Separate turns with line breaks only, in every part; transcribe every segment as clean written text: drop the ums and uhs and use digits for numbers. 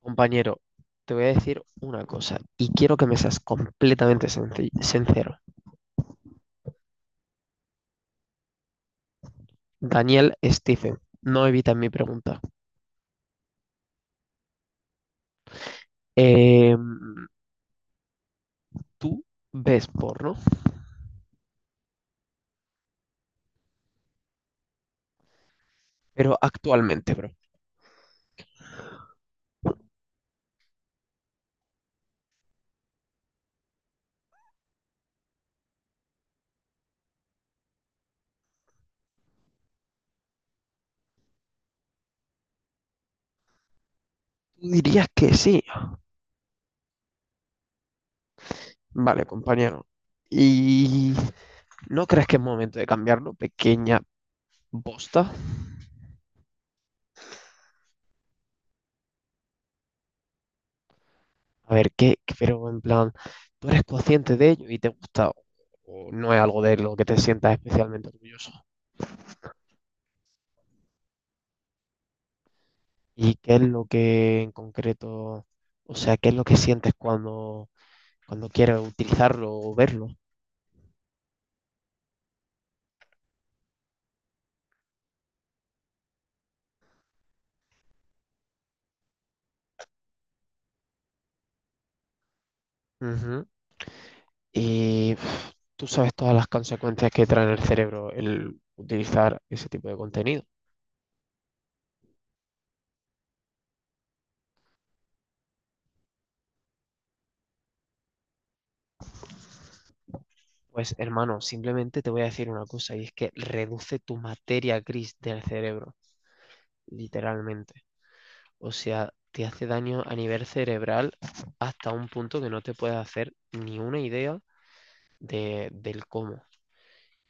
Compañero, te voy a decir una cosa y quiero que me seas completamente sincero. Daniel Stephen, no evitas mi pregunta. Eh, ¿Tú ves porno? Pero actualmente, bro. ¿Tú dirías que sí? Vale, compañero. ¿Y no crees que es momento de cambiarlo, pequeña bosta? A ver, ¿qué? Pero en plan, ¿tú eres consciente de ello y te gusta o no es algo de lo que te sientas especialmente orgulloso? ¿Y qué es lo que en concreto, o sea, qué es lo que sientes cuando quieres utilizarlo o verlo? Ujú. Y pf, tú sabes todas las consecuencias que trae en el cerebro el utilizar ese tipo de contenido. Pues hermano, simplemente te voy a decir una cosa y es que reduce tu materia gris del cerebro, literalmente. O sea, te hace daño a nivel cerebral hasta un punto que no te puedes hacer ni una idea de, del cómo.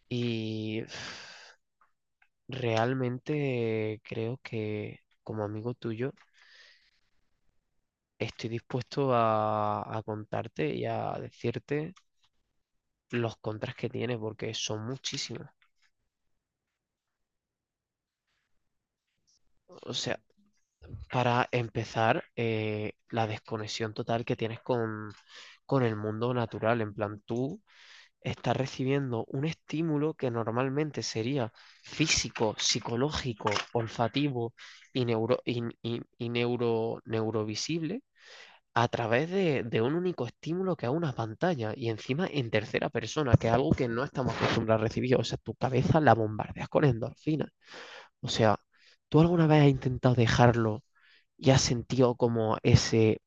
Y realmente creo que como amigo tuyo estoy dispuesto a contarte y a decirte los contras que tiene porque son muchísimos. O sea, para empezar, la desconexión total que tienes con el mundo natural. En plan, tú estás recibiendo un estímulo que normalmente sería físico, psicológico, olfativo y neurovisible a través de un único estímulo que a una pantalla y encima en tercera persona, que es algo que no estamos acostumbrados a recibir. O sea, tu cabeza la bombardeas con endorfinas. O sea, ¿tú alguna vez has intentado dejarlo y has sentido como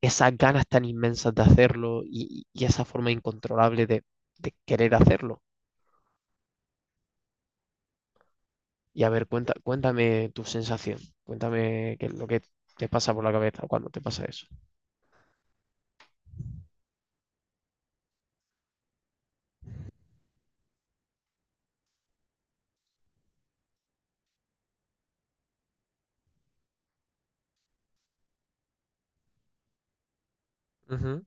esas ganas tan inmensas de hacerlo y esa forma incontrolable de querer hacerlo? Y a ver, cuenta, cuéntame tu sensación, cuéntame qué es lo que te pasa por la cabeza cuando te pasa eso. Ujú.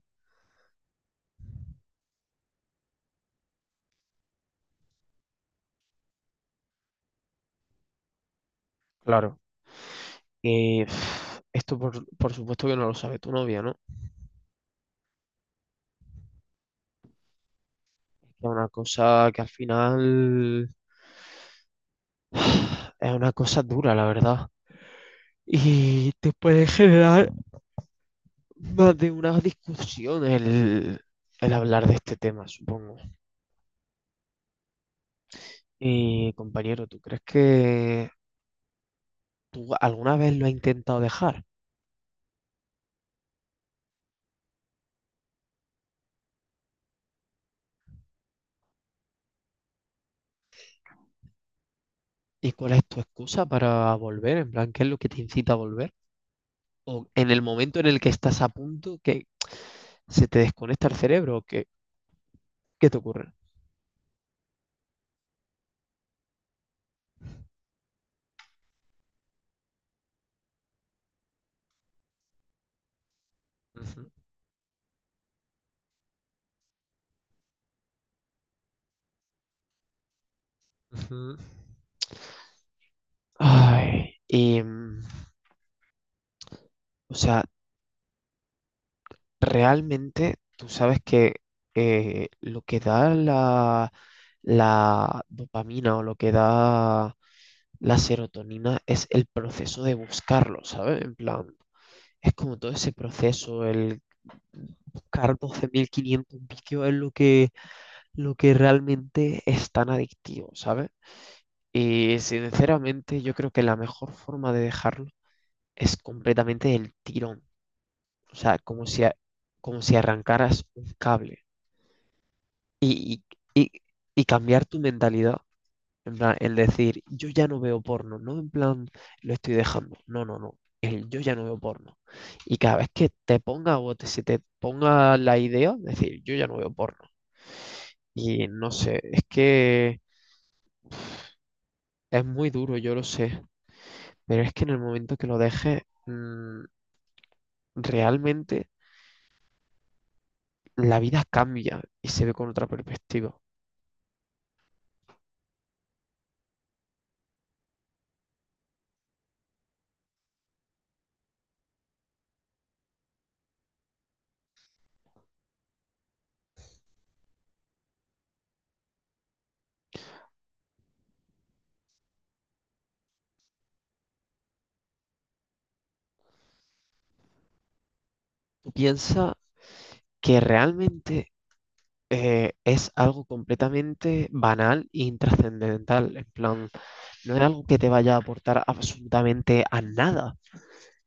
Claro. Que pf, esto por supuesto que no lo sabe tu novia, ¿no? Es una cosa que al final es una cosa dura, la verdad. Y te puede generar más de una discusión el hablar de este tema, supongo. Y compañero, ¿tú crees que tú alguna vez lo has intentado dejar? ¿Y cuál es tu excusa para volver? En plan, ¿qué es lo que te incita a volver? ¿O en el momento en el que estás a punto, que se te desconecta el cerebro o qué, qué te ocurre? Ujú. Ujú. Ay, y, o sea, realmente tú sabes que lo que da la, la dopamina o lo que da la serotonina es el proceso de buscarlo, ¿sabes? En plan, es como todo ese proceso, el buscar 12.500 vídeos es lo que realmente es tan adictivo, ¿sabes? Y sinceramente yo creo que la mejor forma de dejarlo es completamente el tirón. O sea, como si, como si arrancaras un cable y, y, y- y cambiar tu mentalidad. En plan, el decir, yo ya no veo porno, no en plan, lo estoy dejando. No, no, no. El yo ya no veo porno. Y cada vez que te ponga o se te ponga la idea, decir, yo ya no veo porno. Y no sé, es que es muy duro, yo lo sé. Pero es que en el momento que lo dejes, realmente la vida cambia y se ve con otra perspectiva. Tú piensa que realmente es algo completamente banal e intrascendental. En plan, no es algo que te vaya a aportar absolutamente a nada.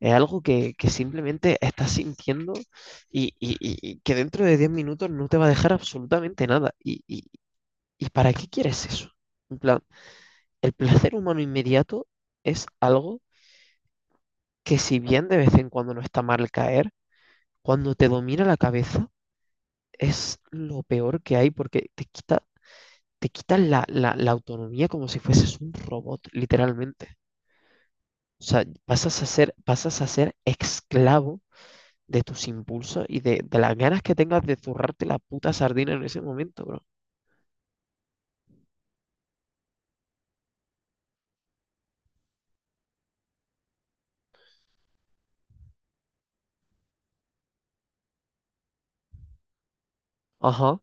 Es algo que simplemente estás sintiendo y que dentro de 10 minutos no te va a dejar absolutamente nada. ¿Y, y para qué quieres eso? En plan, el placer humano inmediato es algo que si bien de vez en cuando no está mal caer, cuando te domina la cabeza es lo peor que hay porque te quitan la autonomía como si fueses un robot, literalmente. O sea, pasas a ser esclavo de tus impulsos y de las ganas que tengas de zurrarte la puta sardina en ese momento, bro. Ajá,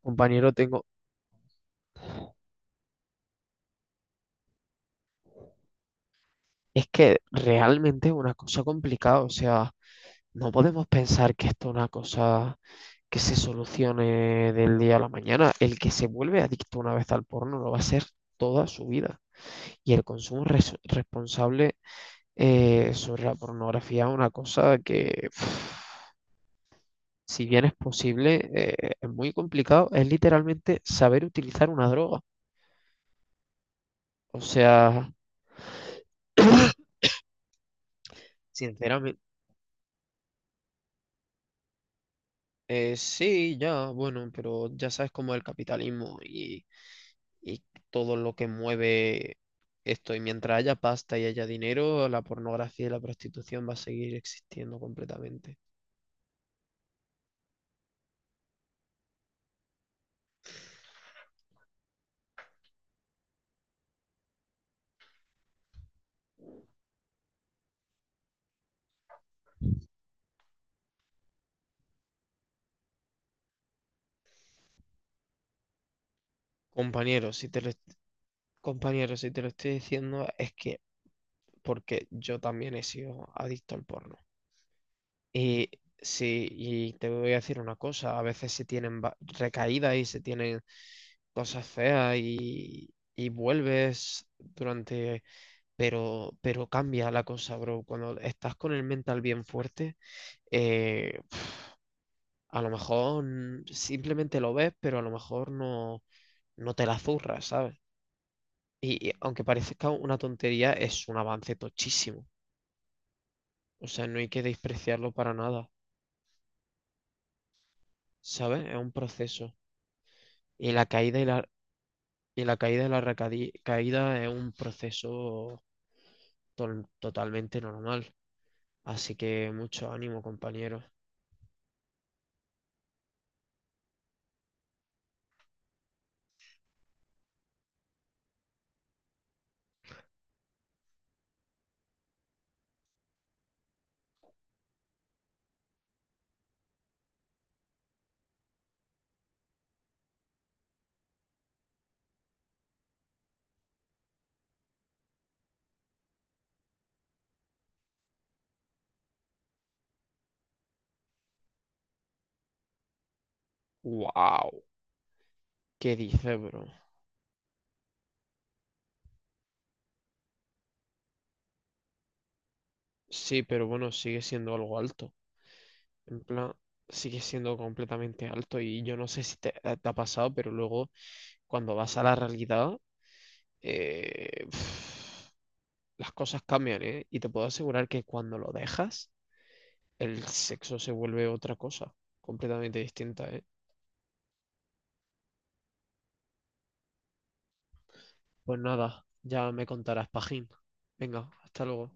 compañero, tengo. Es que realmente es una cosa complicada. O sea, no podemos pensar que esto es una cosa que se solucione del día a la mañana. El que se vuelve adicto una vez al porno lo va a ser toda su vida. Y el consumo responsable sobre la pornografía, una cosa que, pf, si bien es posible, es muy complicado, es literalmente saber utilizar una droga. O sea, sinceramente, sí, ya, bueno, pero ya sabes cómo es el capitalismo y todo lo que mueve esto. Y mientras haya pasta y haya dinero, la pornografía y la prostitución va a seguir existiendo completamente. Compañeros, si te lo, compañeros, si te lo estoy diciendo, es que porque yo también he sido adicto al porno. Y sí, y te voy a decir una cosa, a veces se tienen recaídas y se tienen cosas feas y vuelves durante... pero cambia la cosa, bro. Cuando estás con el mental bien fuerte, eh, a lo mejor simplemente lo ves, pero a lo mejor no, no te la zurras, ¿sabes? Y aunque parezca una tontería, es un avance tochísimo. O sea, no hay que despreciarlo para nada. ¿Sabes? Es un proceso. Y la caída y la caída y la caída es un proceso totalmente normal. Así que mucho ánimo, compañero. ¡Wow! ¿Qué dice bro? Sí, pero bueno, sigue siendo algo alto. En plan, sigue siendo completamente alto. Y yo no sé si te, te ha pasado, pero luego cuando vas a la realidad, eh, las cosas cambian, ¿eh? Y te puedo asegurar que cuando lo dejas el sexo se vuelve otra cosa, completamente distinta, ¿eh? Pues nada, ya me contarás, Pajín. Venga, hasta luego.